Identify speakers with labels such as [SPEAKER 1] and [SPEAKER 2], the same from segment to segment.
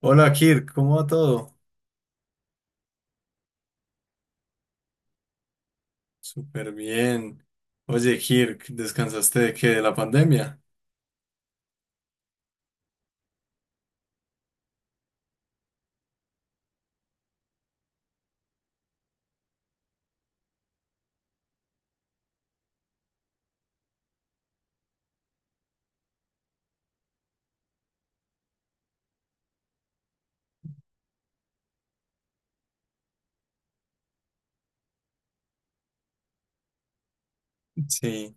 [SPEAKER 1] Hola Kirk, ¿cómo va todo? Súper bien. Oye Kirk, ¿descansaste de qué? ¿De la pandemia? Sí,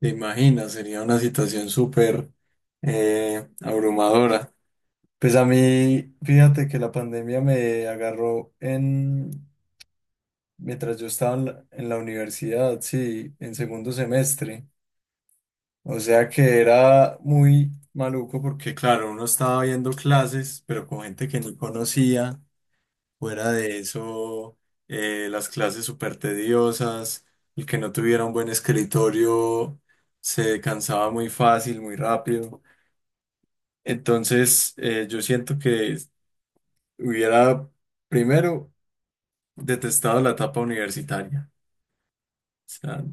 [SPEAKER 1] te imaginas, sería una situación súper abrumadora. Pues a mí, fíjate que la pandemia me agarró en mientras yo estaba en la universidad, sí, en segundo semestre. O sea que era muy maluco porque, claro, uno estaba viendo clases, pero con gente que ni conocía. Fuera de eso, las clases súper tediosas, el que no tuviera un buen escritorio se cansaba muy fácil, muy rápido. Entonces, yo siento que hubiera primero detestado la etapa universitaria. O sea,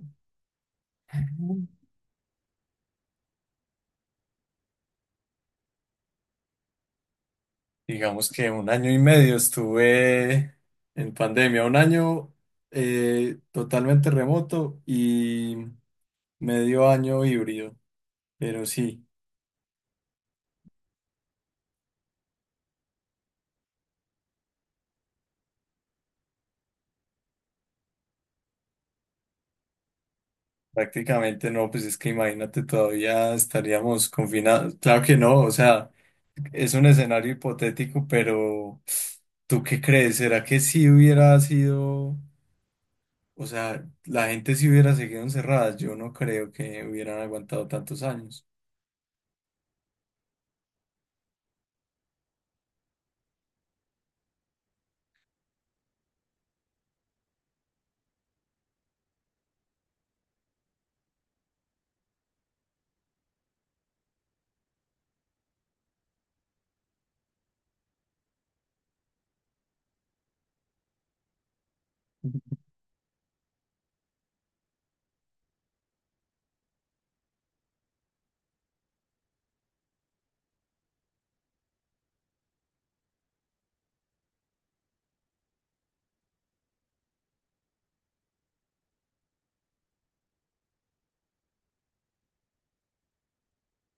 [SPEAKER 1] digamos que un año y medio estuve en pandemia, un año totalmente remoto y medio año híbrido, pero sí. Prácticamente no, pues es que imagínate, todavía estaríamos confinados. Claro que no, o sea, es un escenario hipotético, pero ¿tú qué crees? ¿Será que si hubiera sido, o sea, la gente si hubiera seguido encerrada? Yo no creo que hubieran aguantado tantos años.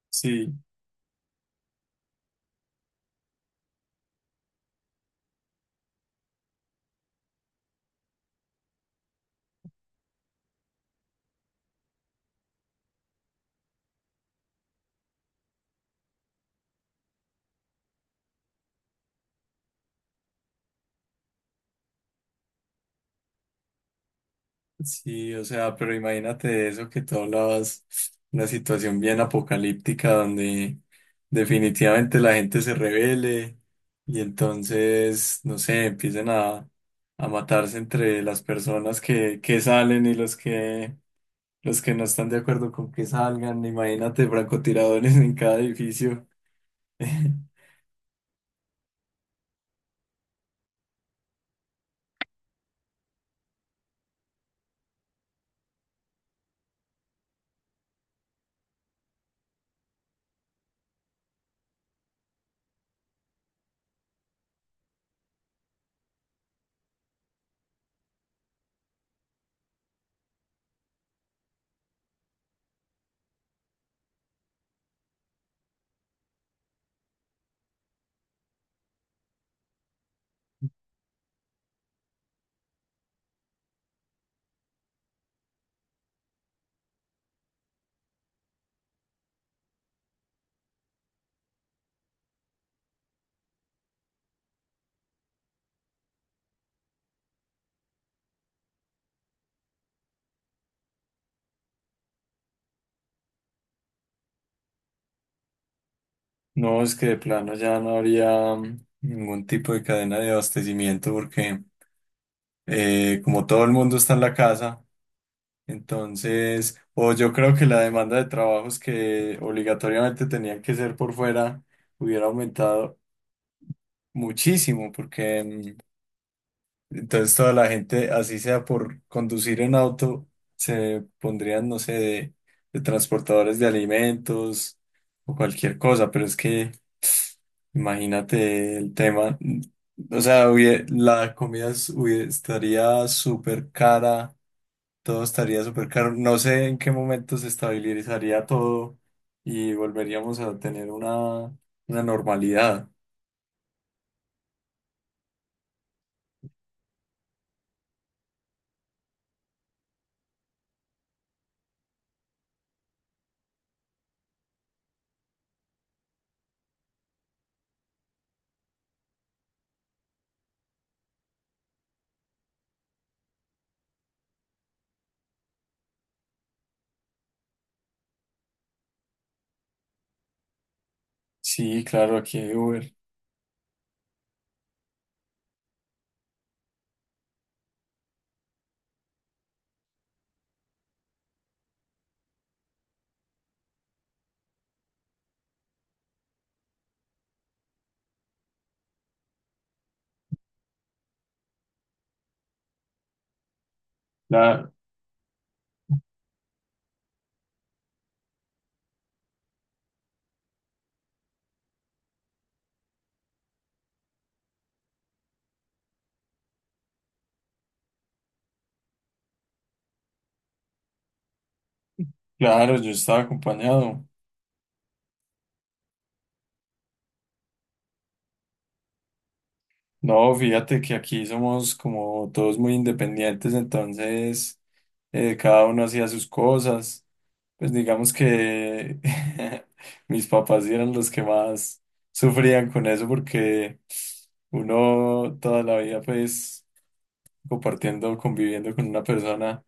[SPEAKER 1] Sí. Sí, o sea, pero imagínate eso que tú hablabas, una situación bien apocalíptica donde definitivamente la gente se rebele y entonces, no sé, empiecen a matarse entre las personas que salen y los que no están de acuerdo con que salgan. Imagínate francotiradores en cada edificio. No, es que de plano ya no habría ningún tipo de cadena de abastecimiento porque como todo el mundo está en la casa. Entonces, o yo creo que la demanda de trabajos que obligatoriamente tenían que ser por fuera hubiera aumentado muchísimo, porque entonces toda la gente, así sea por conducir en auto, se pondrían, no sé, de transportadores de alimentos o cualquier cosa, pero es que imagínate el tema, o sea, la comida estaría súper cara, todo estaría súper caro. No sé en qué momento se estabilizaría todo y volveríamos a tener una normalidad. Sí, claro, aquí hay Uber. La- claro, yo estaba acompañado. No, fíjate que aquí somos como todos muy independientes, entonces cada uno hacía sus cosas. Pues digamos que mis papás eran los que más sufrían con eso porque uno toda la vida pues compartiendo, conviviendo con una persona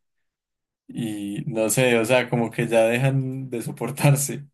[SPEAKER 1] y no sé, o sea, como que ya dejan de soportarse.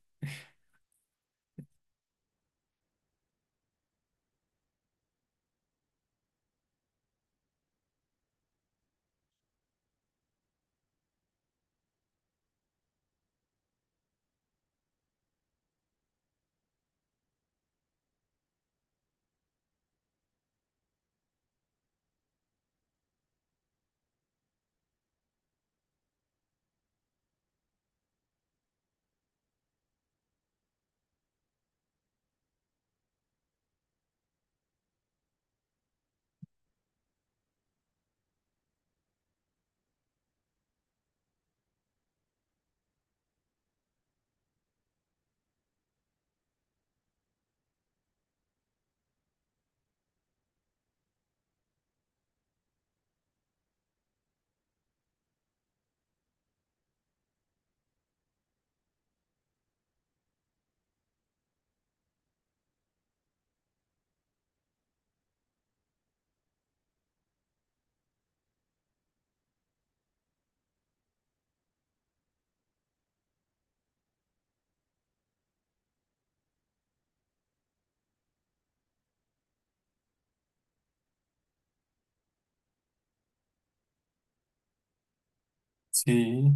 [SPEAKER 1] Sí,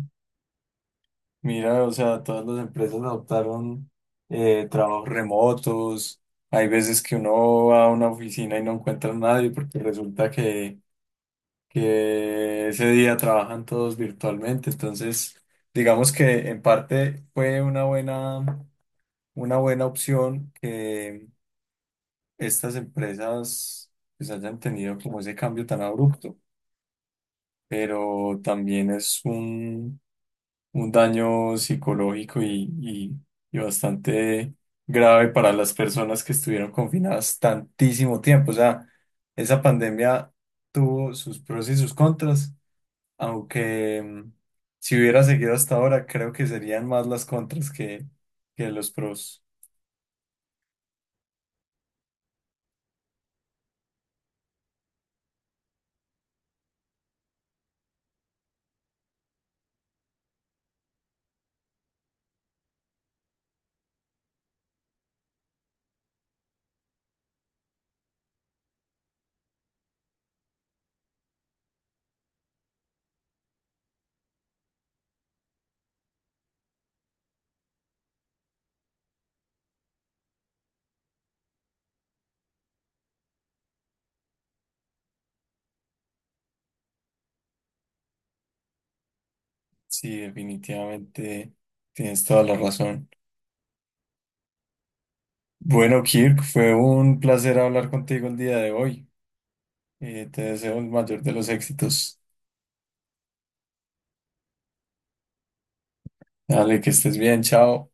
[SPEAKER 1] mira, o sea, todas las empresas adoptaron trabajos remotos. Hay veces que uno va a una oficina y no encuentra a nadie porque resulta que ese día trabajan todos virtualmente. Entonces, digamos que en parte fue una buena. Una buena opción que estas empresas pues hayan tenido como ese cambio tan abrupto, pero también es un daño psicológico y bastante grave para las personas que estuvieron confinadas tantísimo tiempo. O sea, esa pandemia tuvo sus pros y sus contras, aunque si hubiera seguido hasta ahora, creo que serían más las contras que los pros. Sí, definitivamente tienes toda la razón. Bueno, Kirk, fue un placer hablar contigo el día de hoy. Te deseo el mayor de los éxitos. Dale, que estés bien, chao.